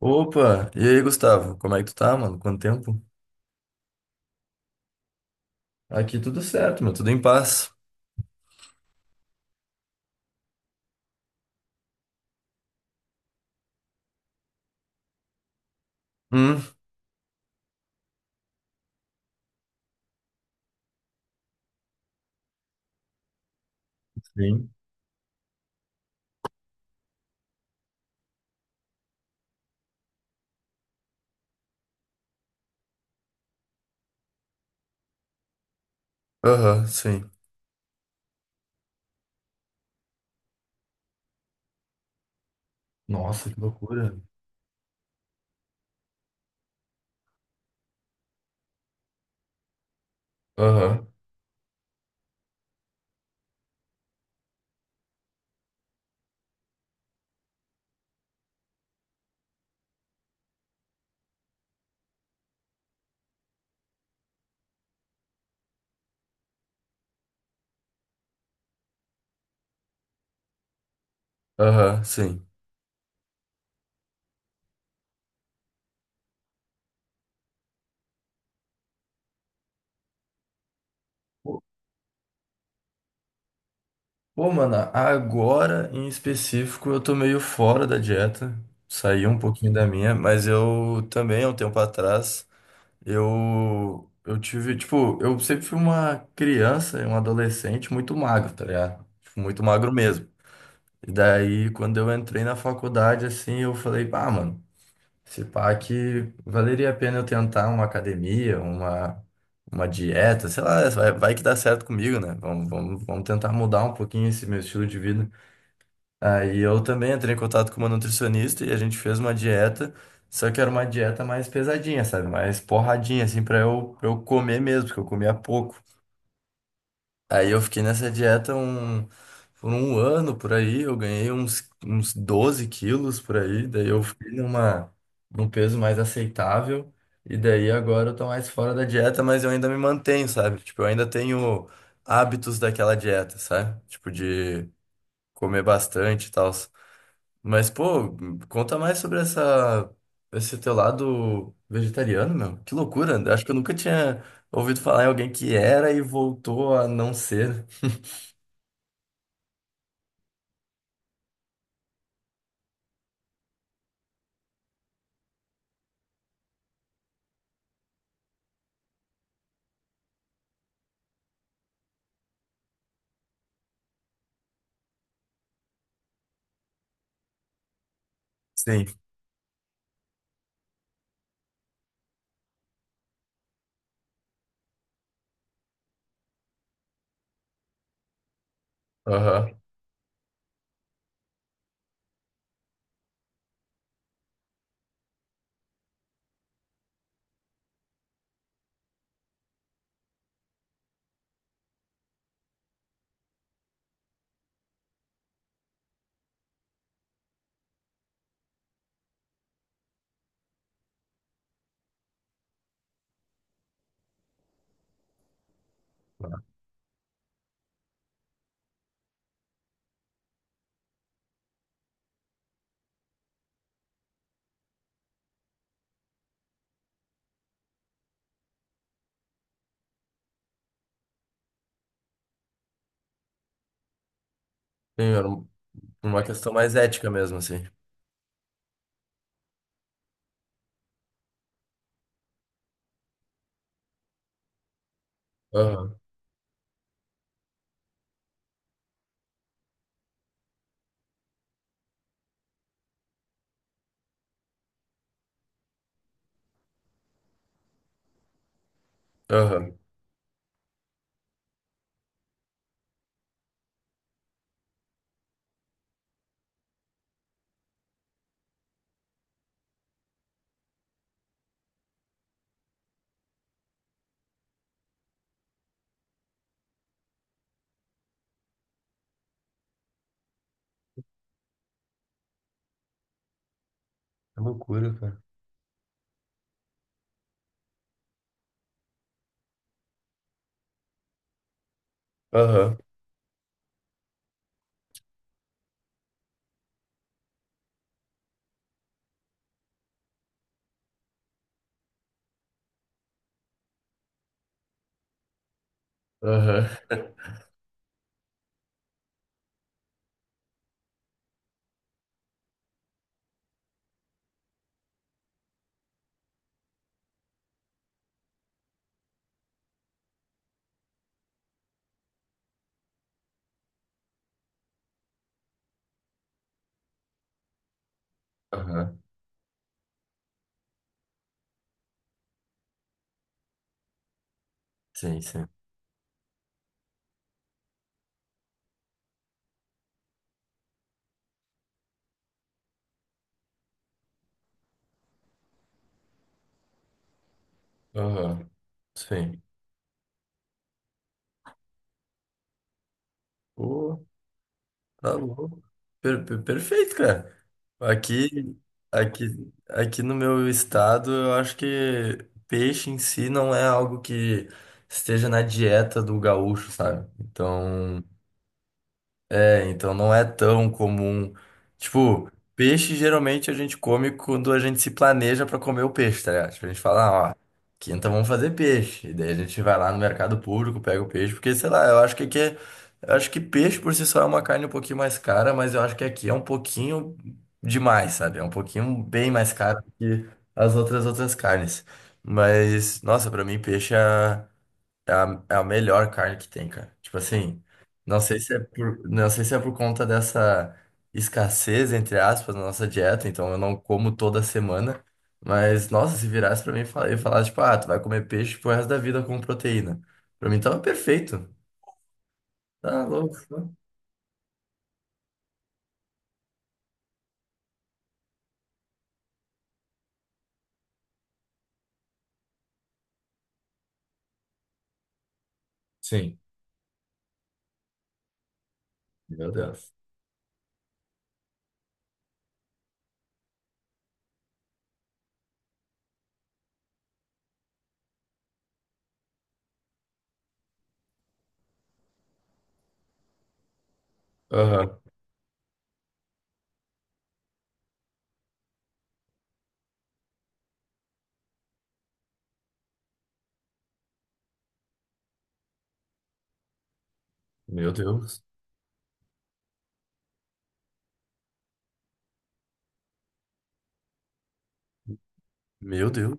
Opa! E aí, Gustavo? Como é que tu tá, mano? Quanto tempo? Aqui tudo certo, meu. Tudo em paz. Hum, sim. Aham, sim. Nossa, que loucura. Aham, aham, sim. Pô, pô, mano, agora em específico eu tô meio fora da dieta. Saí um pouquinho da minha, mas eu também, há um tempo atrás, eu tive, tipo, eu sempre fui uma criança e um adolescente muito magro, tá ligado? Tipo, muito magro mesmo. E daí, quando eu entrei na faculdade, assim, eu falei, ah, mano, se pá que valeria a pena eu tentar uma academia, uma dieta, sei lá, vai que dá certo comigo, né? Vamos tentar mudar um pouquinho esse meu estilo de vida. Aí eu também entrei em contato com uma nutricionista e a gente fez uma dieta, só que era uma dieta mais pesadinha, sabe? Mais porradinha, assim, pra eu comer mesmo, porque eu comia pouco. Aí eu fiquei nessa dieta por um ano por aí, eu ganhei uns 12 quilos por aí, daí eu fiquei num peso mais aceitável, e daí agora eu tô mais fora da dieta, mas eu ainda me mantenho, sabe? Tipo, eu ainda tenho hábitos daquela dieta, sabe? Tipo, de comer bastante e tal. Mas, pô, conta mais sobre esse teu lado vegetariano, meu. Que loucura, acho que eu nunca tinha ouvido falar em alguém que era e voltou a não ser, né? Sim. Aham. Sim, era uma questão mais ética mesmo, assim. Aham. Aham. Que loucura, cara. Aham. Aham. Aham. Sim, sim. Aham. Sim. Pô, tá louco. Perfeito, cara. Aqui, aqui no meu estado, eu acho que peixe em si não é algo que esteja na dieta do gaúcho, sabe? Então. É, então não é tão comum. Tipo, peixe geralmente a gente come quando a gente se planeja pra comer o peixe, tá ligado? Tipo, a gente fala, ah, ó, quinta vamos fazer peixe. E daí a gente vai lá no mercado público, pega o peixe, porque sei lá, eu acho que peixe por si só é uma carne um pouquinho mais cara, mas eu acho que aqui é um pouquinho demais, sabe? É um pouquinho bem mais caro que as outras carnes. Mas, nossa, pra mim peixe é. É a melhor carne que tem, cara. Tipo assim, não sei se é por conta dessa escassez, entre aspas, na nossa dieta, então eu não como toda semana. Mas, nossa, se virasse pra mim e e falasse, tipo, ah, tu vai comer peixe pro resto da vida com proteína. Pra mim tava perfeito. Tá louco, né? Sim. Meu Deus. Aham. Meu Deus. Meu Deus.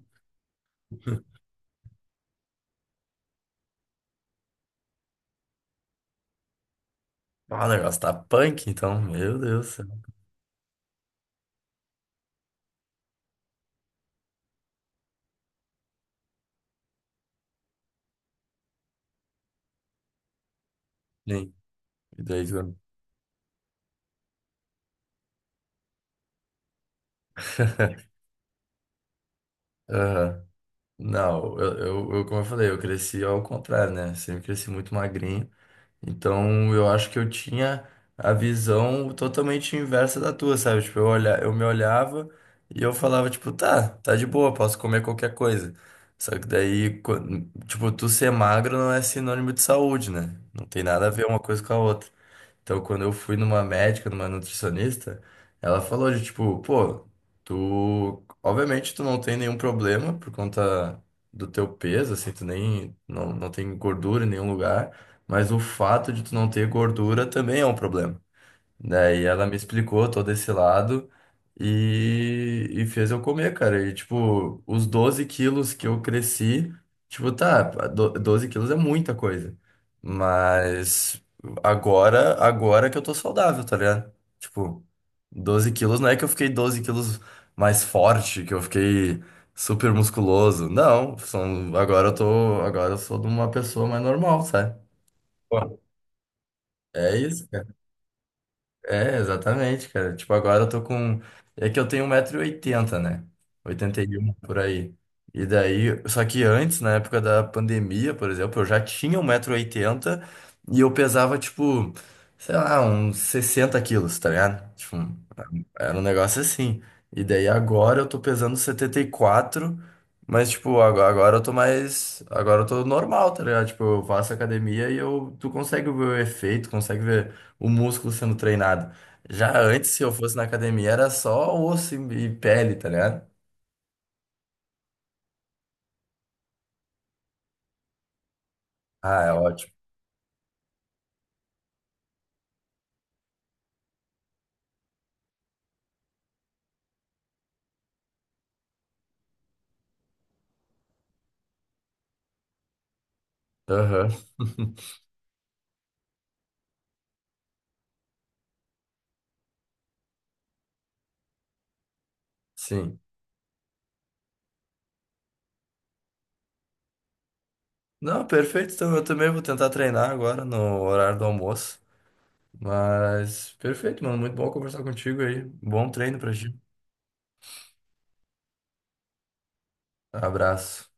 Ah, o negócio tá punk, então. Meu Deus do céu. Sim. E daí, tu- Aham. Não, como eu falei, eu cresci ao contrário, né? Sempre cresci muito magrinho. Então, eu acho que eu tinha a visão totalmente inversa da tua, sabe? Tipo, eu olha, eu me olhava e eu falava, tipo, tá, tá de boa, posso comer qualquer coisa. Só que daí, tipo, tu ser magro não é sinônimo de saúde, né? Não tem nada a ver uma coisa com a outra. Então, quando eu fui numa médica, numa nutricionista, ela falou de tipo, pô, tu, obviamente tu não tem nenhum problema por conta do teu peso, assim, tu nem, não, não tem gordura em nenhum lugar, mas o fato de tu não ter gordura também é um problema. Daí ela me explicou todo esse lado e fez eu comer, cara. E, tipo, os 12 quilos que eu cresci, tipo, tá, 12 quilos é muita coisa. Mas agora que eu tô saudável, tá ligado? Tipo, 12 quilos não é que eu fiquei 12 quilos mais forte, que eu fiquei super musculoso. Não, agora eu sou de uma pessoa mais normal, sabe? Pô, é isso. É, exatamente, cara. Tipo, agora eu tô com. É que eu tenho um metro e oitenta, né? 81 por aí. E daí. Só que antes, na época da pandemia, por exemplo, eu já tinha um metro e oitenta e eu pesava, tipo, sei lá, uns 60 quilos, tá ligado? Tipo, era um negócio assim. E daí agora eu tô pesando 74, mas tipo, agora eu tô mais. Agora eu tô normal, tá ligado? Tipo, eu faço academia e tu consegue ver o efeito, consegue ver o músculo sendo treinado. Já antes, se eu fosse na academia, era só osso e pele, tá ligado? Ah, é ótimo. Aham. Sim. Não, perfeito. Então eu também vou tentar treinar agora no horário do almoço. Mas perfeito, mano. Muito bom conversar contigo aí. Bom treino pra ti. Abraço.